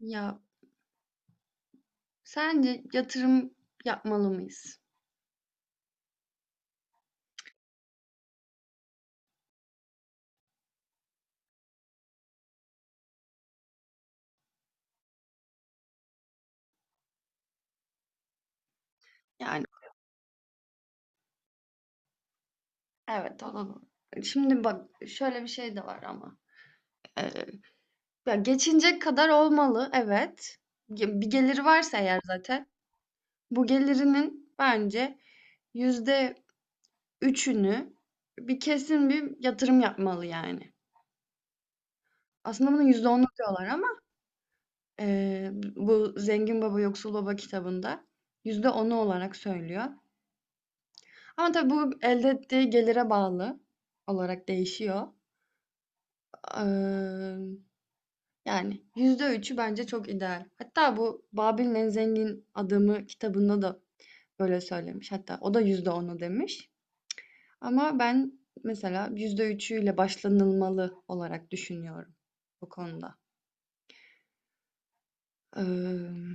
Ya sence yatırım yapmalı mıyız? Yani evet olalım. Şimdi bak şöyle bir şey de var ama. Ee, ya geçinecek kadar olmalı, evet. Bir geliri varsa eğer zaten. Bu gelirinin bence %3'ünü bir kesin bir yatırım yapmalı yani. Aslında bunun %10'u diyorlar ama ee, bu Zengin Baba Yoksul Baba kitabında %10'u olarak söylüyor. Ama tabii bu elde ettiği gelire bağlı olarak değişiyor. Eee, Yani %3'ü bence çok ideal. Hatta bu Babil'in en zengin adamı kitabında da böyle söylemiş. Hatta o da %10'u demiş. Ama ben mesela %3'üyle başlanılmalı olarak düşünüyorum bu konuda. Eee,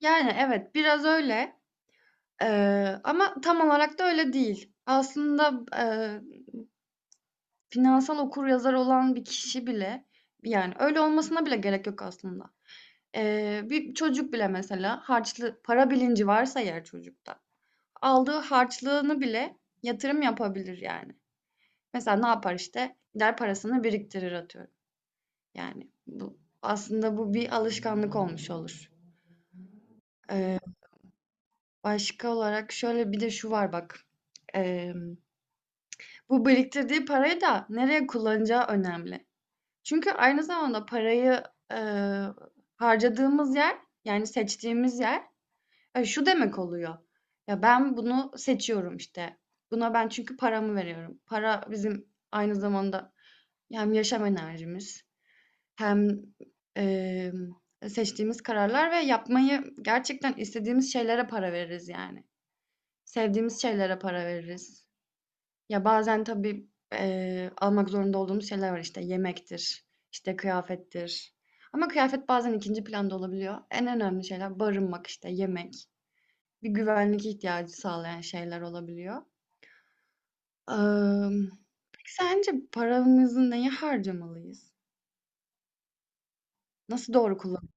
Yani evet, biraz öyle. Ama tam olarak da öyle değil. Aslında finansal okuryazar olan bir kişi bile, yani öyle olmasına bile gerek yok aslında. Bir çocuk bile mesela, harçlı para bilinci varsa eğer çocukta, aldığı harçlığını bile yatırım yapabilir yani. Mesela ne yapar işte? Gider parasını biriktirir, atıyorum. Yani bu aslında bu bir alışkanlık olmuş olur. Eee, Başka olarak şöyle bir de şu var, bak. Eee, Bu biriktirdiği parayı da nereye kullanacağı önemli. Çünkü aynı zamanda parayı, eee, harcadığımız yer, yani seçtiğimiz yer, şu demek oluyor: ya, ben bunu seçiyorum işte. Buna ben çünkü paramı veriyorum. Para bizim aynı zamanda hem yaşam enerjimiz hem, emm, seçtiğimiz kararlar ve yapmayı gerçekten istediğimiz şeylere para veririz yani. Sevdiğimiz şeylere para veririz. Ya, bazen tabii, almak zorunda olduğumuz şeyler var. İşte yemektir, işte kıyafettir, ama kıyafet bazen ikinci planda olabiliyor. En önemli şeyler barınmak, işte yemek, bir güvenlik ihtiyacı sağlayan şeyler olabiliyor. Emm, peki sence paramızı neye harcamalıyız? Nasıl doğru kullan.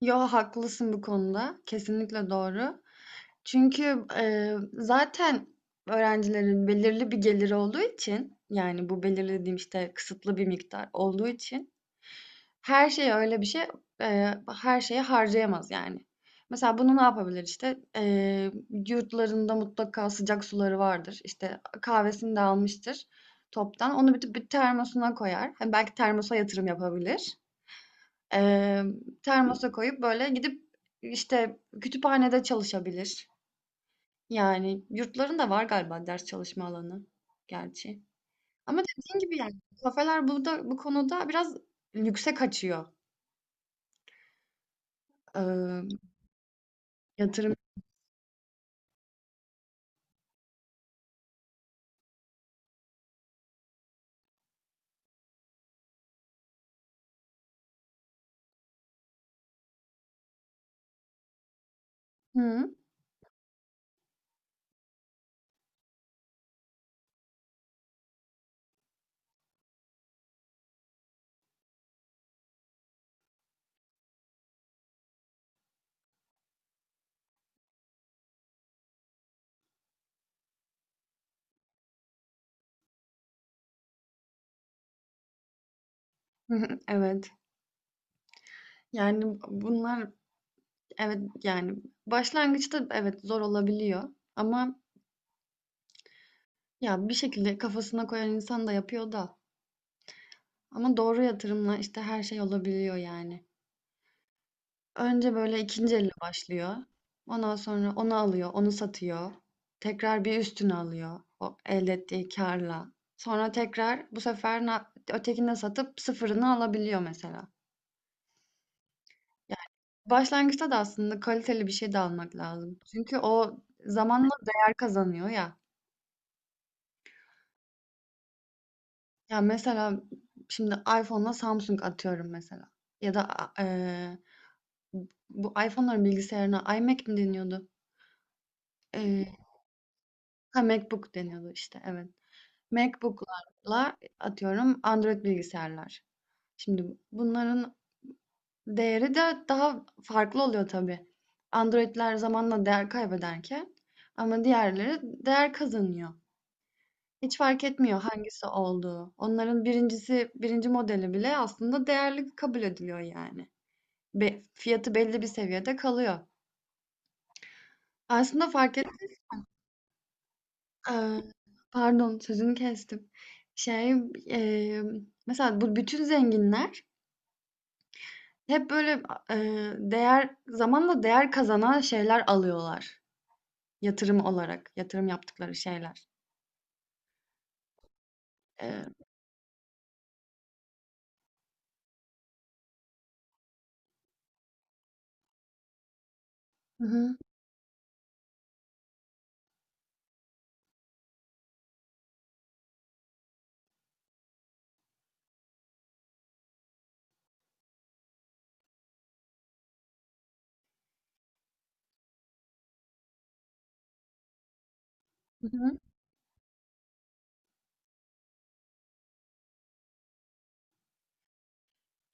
Yo, haklısın bu konuda. Kesinlikle doğru. Çünkü, zaten öğrencilerin belirli bir geliri olduğu için, yani bu belirli dediğim işte kısıtlı bir miktar olduğu için, her şeye öyle bir şey, eee, her şeye harcayamaz yani. Mesela bunu ne yapabilir işte? Yurtlarında mutlaka sıcak suları vardır. İşte kahvesini de almıştır toptan. Onu bir termosuna koyar. Hani, belki termosa yatırım yapabilir. Emm, Termosa koyup böyle gidip, işte, kütüphanede çalışabilir. Yani yurtların da var galiba ders çalışma alanı, gerçi. Ama dediğin gibi, yani, kafeler burada bu konuda biraz lükse kaçıyor. Emm, Yatırım hı. Evet. Yani bunlar, evet, yani başlangıçta evet, zor olabiliyor, ama ya, bir şekilde kafasına koyan insan da yapıyor da, ama doğru yatırımla işte her şey olabiliyor yani. Önce böyle ikinci elle başlıyor. Ondan sonra onu alıyor, onu satıyor. Tekrar bir üstünü alıyor o elde ettiği karla. Sonra tekrar, bu sefer ötekini de satıp sıfırını alabiliyor mesela. Yani başlangıçta da aslında kaliteli bir şey de almak lazım. Çünkü o zamanla değer kazanıyor ya. Ya mesela şimdi iPhone'la Samsung, atıyorum mesela. Ya da bu iPhone'ların bilgisayarına iMac mi deniyordu? Eee ha, MacBook deniyordu işte, evet. MacBook'larla, atıyorum, Android bilgisayarlar. Şimdi bunların değeri de daha farklı oluyor tabii. Android'ler zamanla değer kaybederken ama diğerleri değer kazanıyor. Hiç fark etmiyor hangisi olduğu. Onların birincisi, birinci modeli bile aslında değerli kabul ediliyor yani. Fiyatı belli bir seviyede kalıyor. Aslında fark et... Eee, pardon, sözünü kestim. Şey, eee, Mesela bu bütün zenginler hep böyle, değer, zamanla değer kazanan şeyler alıyorlar yatırım olarak, yatırım yaptıkları şeyler. Eee Hı hı. Hı hı.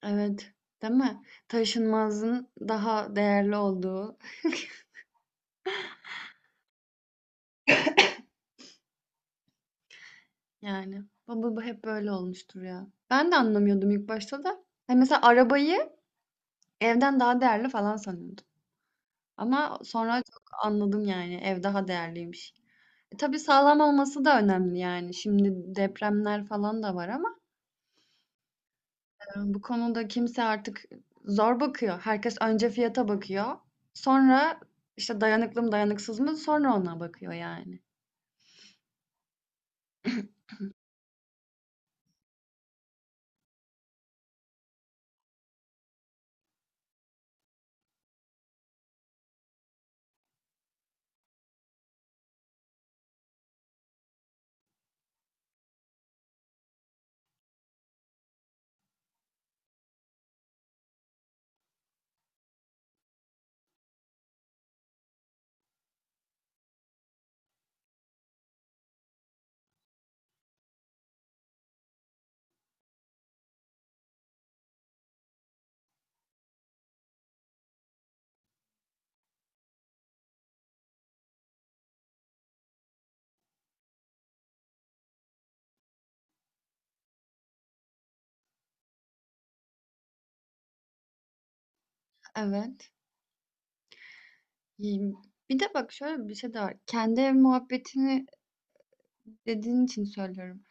Evet, değil mi? Taşınmazın daha değerli olduğu yani. Bu hep böyle olmuştur ya. Ben de anlamıyordum ilk başta da. Hani mesela arabayı evden daha değerli falan sanıyordum, ama sonra çok anladım yani, ev daha değerliymiş. Tabii sağlam olması da önemli yani. Şimdi depremler falan da var, ama bu konuda kimse artık zor bakıyor. Herkes önce fiyata bakıyor. Sonra işte dayanıklı mı dayanıksız mı, sonra ona bakıyor yani. Evet. İyi. Bir de bak, şöyle bir şey de var. Kendi ev muhabbetini dediğin için söylüyorum.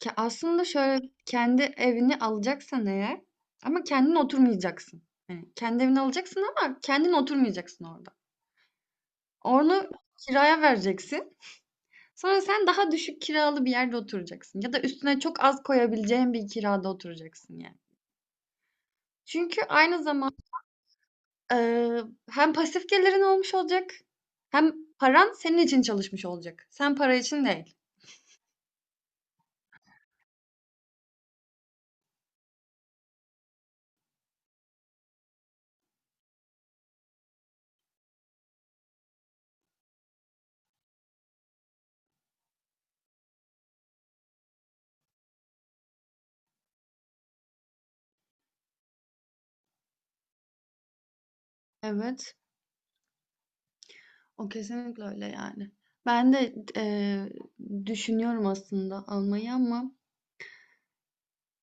Ki- aslında şöyle, kendi evini alacaksan eğer, ama kendin oturmayacaksın. Yani kendi evini alacaksın ama kendin oturmayacaksın orada. Onu kiraya vereceksin. Sonra sen daha düşük kiralı bir yerde oturacaksın, ya da üstüne çok az koyabileceğin bir kirada oturacaksın yani. Çünkü aynı zaman eee, hem pasif gelirin olmuş olacak, hem paran senin için çalışmış olacak. Sen para için değil. Evet, o kesinlikle öyle yani. Ben de düşünüyorum aslında almayı, ama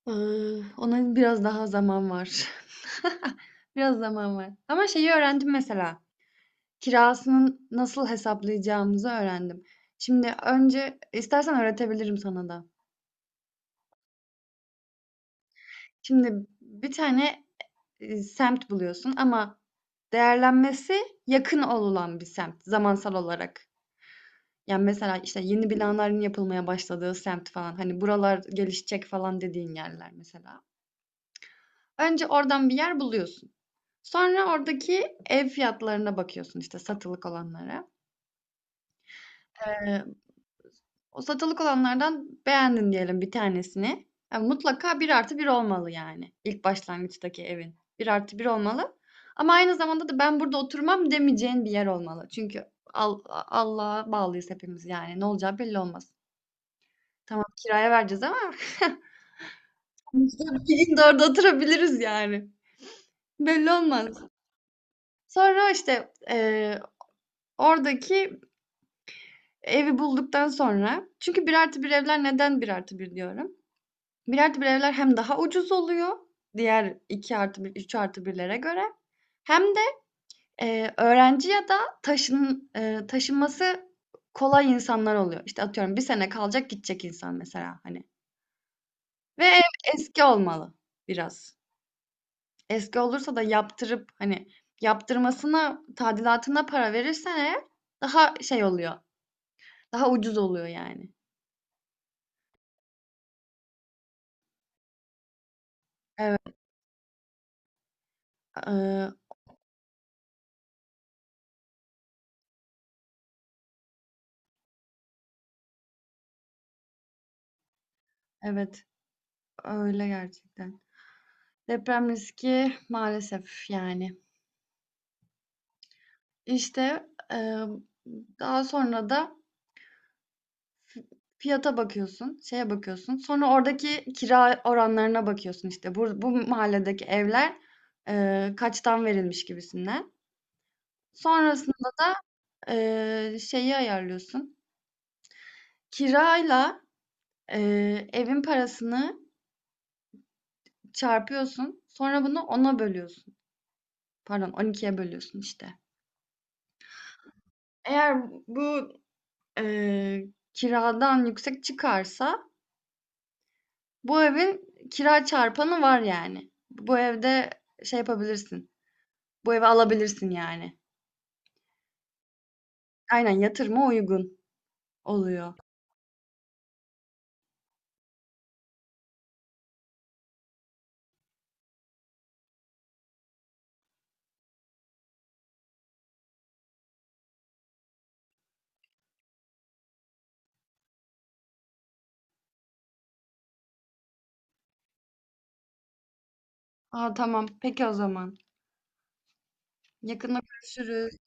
eee, ona biraz daha zaman var. Biraz zaman var. Ama şeyi öğrendim mesela. Kirasının nasıl hesaplayacağımızı öğrendim. Şimdi önce istersen öğretebilirim sana da. Şimdi bir tane, semt buluyorsun, ama değerlenmesi yakın olulan bir semt, zamansal olarak. Yani mesela işte yeni binaların yapılmaya başladığı semt falan, hani buralar gelişecek falan dediğin yerler mesela. Önce oradan bir yer buluyorsun. Sonra oradaki ev fiyatlarına bakıyorsun, işte satılık olanlara. Eee, O satılık olanlardan beğendin diyelim bir tanesini. Yani mutlaka bir artı bir olmalı yani. İlk başlangıçtaki evin. Bir artı bir olmalı. Ama aynı zamanda da ben burada oturmam demeyeceğin bir yer olmalı. Çünkü Allah'a bağlıyız hepimiz yani. Ne olacağı belli olmaz. Tamam, kiraya vereceğiz ama biz de bir gün de orada oturabiliriz yani. Belli olmaz. Sonra işte oradaki evi bulduktan sonra, çünkü bir artı bir evler, neden bir artı bir diyorum? Bir artı bir evler hem daha ucuz oluyor diğer iki artı bir üç artı birlere göre, hem de, öğrenci ya da taşınması kolay insanlar oluyor. İşte, atıyorum, bir sene kalacak gidecek insan mesela, hani. Ve ev eski olmalı biraz. Eski olursa da yaptırıp, hani, yaptırmasına, tadilatına para verirsen eğer, daha şey oluyor, daha ucuz oluyor yani. Evet, eee, evet, öyle gerçekten. Deprem riski, maalesef yani. İşte, emm, daha sonra da fiyata bakıyorsun, şeye bakıyorsun. Sonra oradaki kira oranlarına bakıyorsun, işte, bu mahalledeki evler, kaçtan verilmiş gibisinden. Sonrasında da, şeyi ayarlıyorsun. Kirayla, evin parasını çarpıyorsun. Sonra bunu ona bölüyorsun. Pardon, 12'ye bölüyorsun işte. Eğer bu, eee, kiradan yüksek çıkarsa, bu evin kira çarpanı var yani. Bu evde şey yapabilirsin. Bu evi alabilirsin yani. Aynen, yatırıma uygun oluyor. Aa, tamam. Peki, o zaman. Yakında görüşürüz.